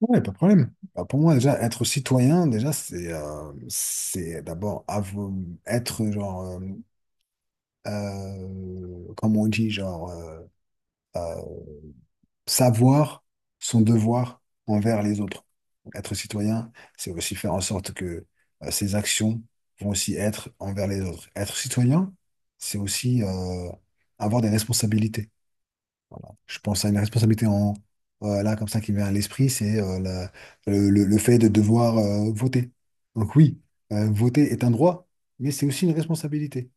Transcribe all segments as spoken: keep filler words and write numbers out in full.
Ouais, pas de problème. Bah, pour moi, déjà, être citoyen, déjà, c'est euh, c'est d'abord avo- être, genre, euh, euh, comme on dit, genre, euh, euh, savoir son devoir envers les autres. Être citoyen, c'est aussi faire en sorte que euh, ses actions vont aussi être envers les autres. Être citoyen, c'est aussi euh, avoir des responsabilités. Voilà. Je pense à une responsabilité en euh, là comme ça qui me vient à l'esprit, c'est euh, la- le, le- le fait de devoir euh, voter. Donc oui, euh, voter est un droit, mais c'est aussi une responsabilité.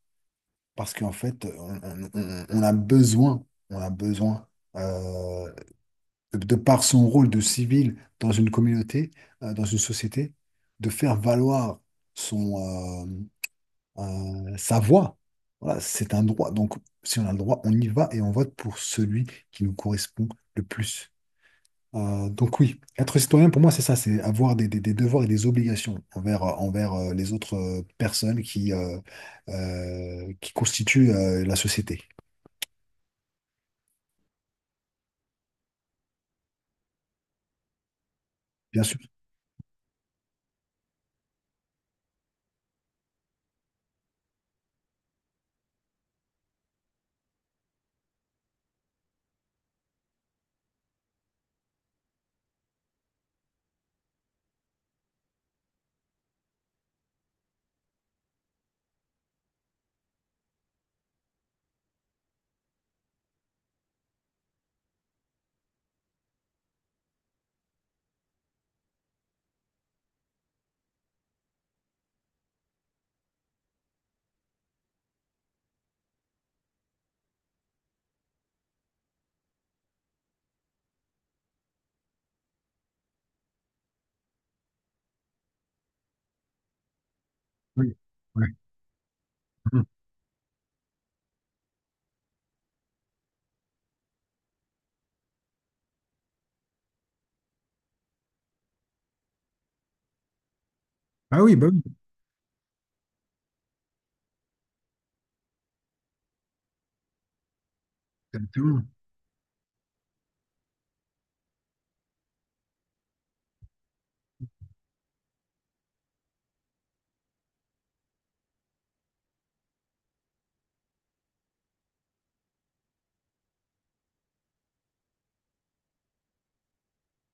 Parce qu'en fait, on, on- on- on a besoin, on a besoin, euh, de, de par son rôle de civil dans une communauté, euh, dans une société, de faire valoir son, euh, euh, sa voix. Voilà, c'est un droit. Donc, si on a le droit, on y va et on vote pour celui qui nous correspond le plus. Euh, donc oui, être citoyen pour moi, c'est ça, c'est avoir des, des- des devoirs et des obligations envers, euh, envers euh, les autres euh, personnes qui, euh, euh, qui constituent euh, la société. Bien sûr. Oui. Ouais. Mhm. Ah oui, bah oui, exactement.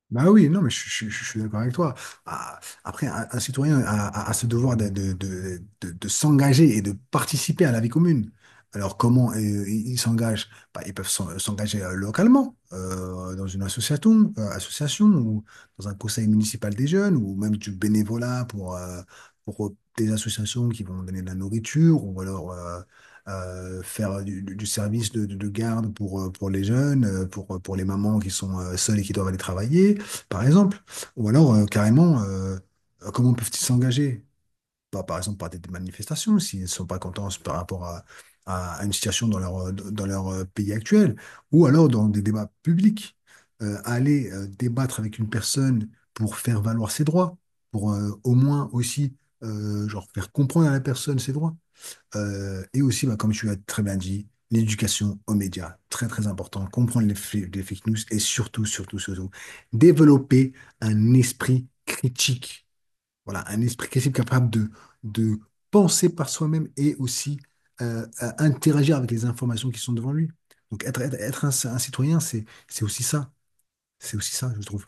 Bah oui, non, mais je, je- je- je suis d'accord avec toi. Ah, après, un, un citoyen a, a- a ce devoir de, de, de, de- de s'engager et de participer à la vie commune. Alors, comment euh, ils ils s'engagent? Bah, ils peuvent s'en- s'engager euh, localement, euh, dans une association, euh, association ou dans un conseil municipal des jeunes, ou même du bénévolat pour, euh, pour des associations qui vont donner de la nourriture, ou alors euh, euh, faire du, du- du service de, de- de garde pour, euh, pour les jeunes, euh, pour, pour les mamans qui sont euh, seules et qui doivent aller travailler par exemple. Ou alors, euh, carrément, euh, euh, comment peuvent-ils s'engager? Bah, par exemple, par des des manifestations, s'ils ne sont pas contents par rapport à, à- à une situation dans leur, euh, dans leur euh, pays actuel, ou alors dans des débats publics. Euh, aller euh, débattre avec une personne pour faire valoir ses droits, pour euh, au moins aussi euh, genre, faire comprendre à la personne ses droits. Euh, et aussi, bah, comme tu l'as très bien dit, l'éducation aux médias, très très important, comprendre les, fa- les fake news et surtout, surtout, surtout, développer un esprit critique. Voilà, un esprit critique capable de, de penser par soi-même et aussi euh, à interagir avec les informations qui sont devant lui. Donc être, être, être un, un citoyen, c'est, c'est aussi ça, c'est aussi ça, je trouve.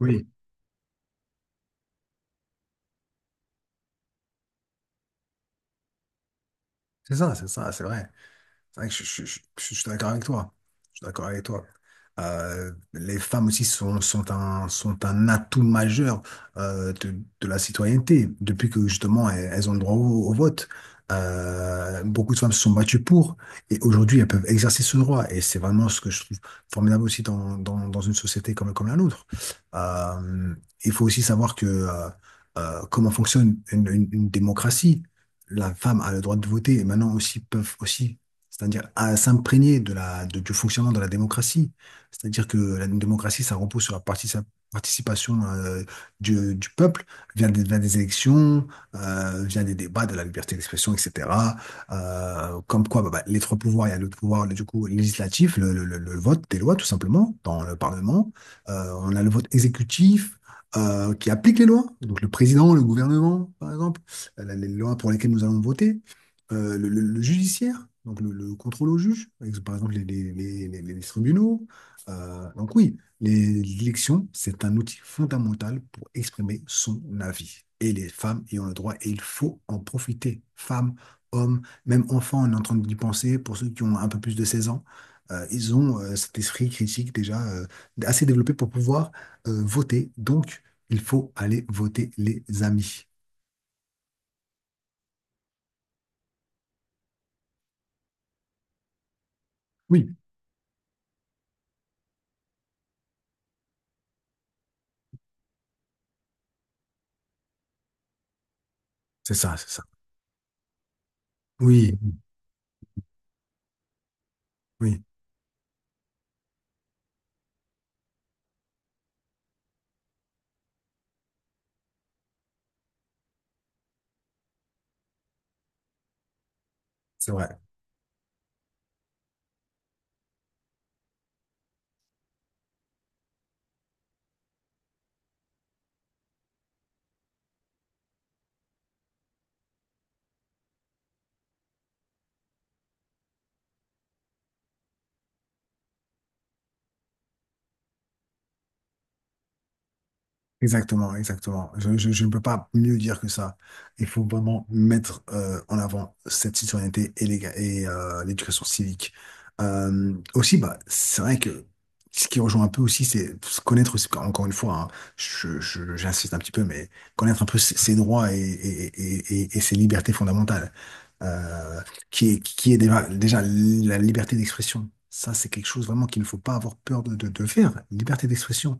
Oui. C'est ça, c'est ça, c'est vrai. C'est vrai que je, je- je- je suis d'accord avec toi. Je suis d'accord avec toi. Euh, les femmes aussi sont, sont un, sont un atout majeur euh, de, de la citoyenneté, depuis que justement elles, elles ont le droit au, au vote. Euh, beaucoup de femmes se sont battues pour, et aujourd'hui elles peuvent exercer ce droit. Et c'est vraiment ce que je trouve formidable aussi dans, dans, dans une société comme, comme la nôtre. Euh, il faut aussi savoir que euh, euh, comment fonctionne une, une une démocratie. La femme a le droit de voter et maintenant aussi peuvent aussi c'est-à-dire à s'imprégner de la, de- du fonctionnement de la démocratie. C'est-à-dire que la démocratie, ça repose sur la partici- participation euh, du, du peuple via des, via des élections, euh, via des débats, de la liberté d'expression, et cetera. Euh, comme quoi, bah, bah, les trois pouvoirs, il y a le pouvoir du coup législatif, le, le- le- le vote des lois tout simplement dans le Parlement. Euh, on a le vote exécutif, euh, qui applique les lois, donc le président, le gouvernement, par exemple, euh, les lois pour lesquelles nous allons voter, euh, le, le- le judiciaire, donc le, le contrôle au juge, avec, par exemple les, les, les, les- les tribunaux. Euh, donc oui, les- l'élection, c'est un outil fondamental pour exprimer son avis. Et les femmes y ont le droit et il faut en profiter. Femmes, hommes, même enfants, on est en train d'y penser, pour ceux qui ont un peu plus de seize ans, euh, ils ont euh, cet esprit critique déjà euh, assez développé pour pouvoir euh, voter. Donc, il faut aller voter les amis. Oui, c'est ça, c'est ça. Oui, oui, c'est vrai. Exactement, exactement. Je, je, je ne peux pas mieux dire que ça. Il faut vraiment mettre euh, en avant cette citoyenneté et les- et, euh, l'éducation civique. Euh, aussi, bah, c'est vrai que ce qui rejoint un peu aussi, c'est se connaître, aussi, encore une fois, hein, je, je- j'insiste un petit peu, mais connaître un peu ses, ses droits et, et, et, et- et ses libertés fondamentales, euh, qui est, qui est déjà, déjà la liberté d'expression. Ça, c'est quelque chose vraiment qu'il ne faut pas avoir peur de, de, de faire. Liberté d'expression,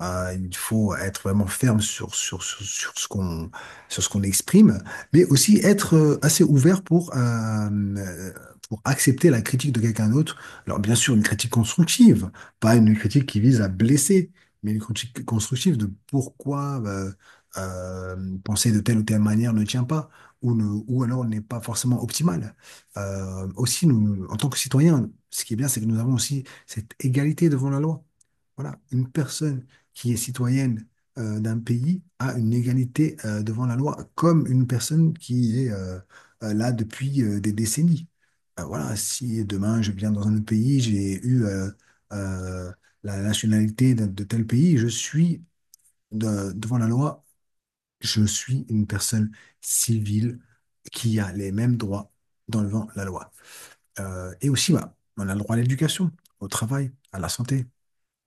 euh, il faut être vraiment ferme sur, sur, sur, sur ce qu'on, sur ce qu'on exprime, mais aussi être euh, assez ouvert pour, euh, euh, pour accepter la critique de quelqu'un d'autre. Alors, bien sûr, une critique constructive, pas une critique qui vise à blesser, mais une critique constructive de pourquoi euh, euh, penser de telle ou telle manière ne tient pas, ou, ne, ou alors n'est pas forcément optimale. Euh, aussi, nous, en tant que citoyens, ce qui est bien, c'est que nous avons aussi cette égalité devant la loi. Voilà, une personne qui est citoyenne euh, d'un pays a une égalité euh, devant la loi, comme une personne qui est euh, euh, là depuis euh, des décennies. Euh, voilà, si demain je viens dans un autre pays, j'ai eu euh, euh, la nationalité de, de tel pays, je suis de- devant la loi, je suis une personne civile qui a les mêmes droits devant la loi. Euh, et aussi, bah, on a le droit à l'éducation, au travail, à la santé.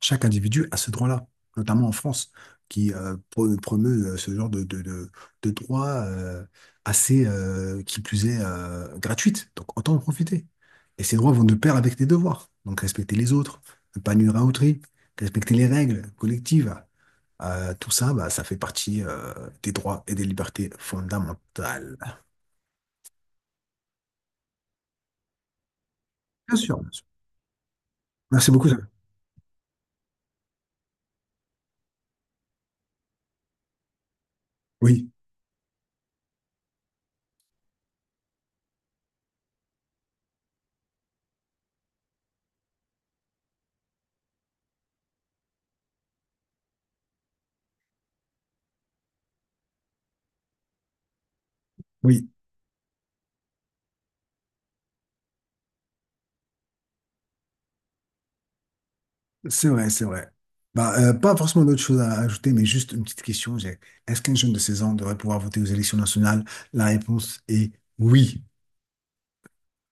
Chaque individu a ce droit-là, notamment en France, qui euh, pro- promeut euh, ce genre de, de, de, de droit euh, assez, euh, qui plus est, euh, gratuite. Donc autant en profiter. Et ces droits vont de pair avec tes devoirs. Donc respecter les autres, ne pas nuire à autrui, respecter les règles collectives. Euh, tout ça, bah, ça fait partie euh, des droits et des libertés fondamentales. Bien sûr, bien sûr. Merci beaucoup. Sam. Oui, oui. C'est vrai, c'est vrai. Bah, euh, pas forcément d'autres choses à ajouter, mais juste une petite question. j'ai- Est-ce qu'un jeune de seize ans devrait pouvoir voter aux élections nationales? La réponse est oui.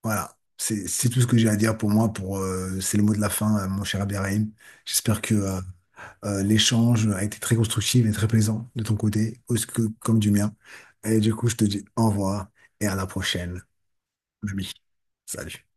Voilà. C'est, c'est tout ce que j'ai à dire pour moi. Pour, euh, c'est le mot de la fin, euh, mon cher Abderrahim. J'espère que euh, euh, l'échange a été très constructif et très plaisant de ton côté, aussi que, comme du mien. Et du coup, je te dis au revoir et à la prochaine, mon ami. Salut.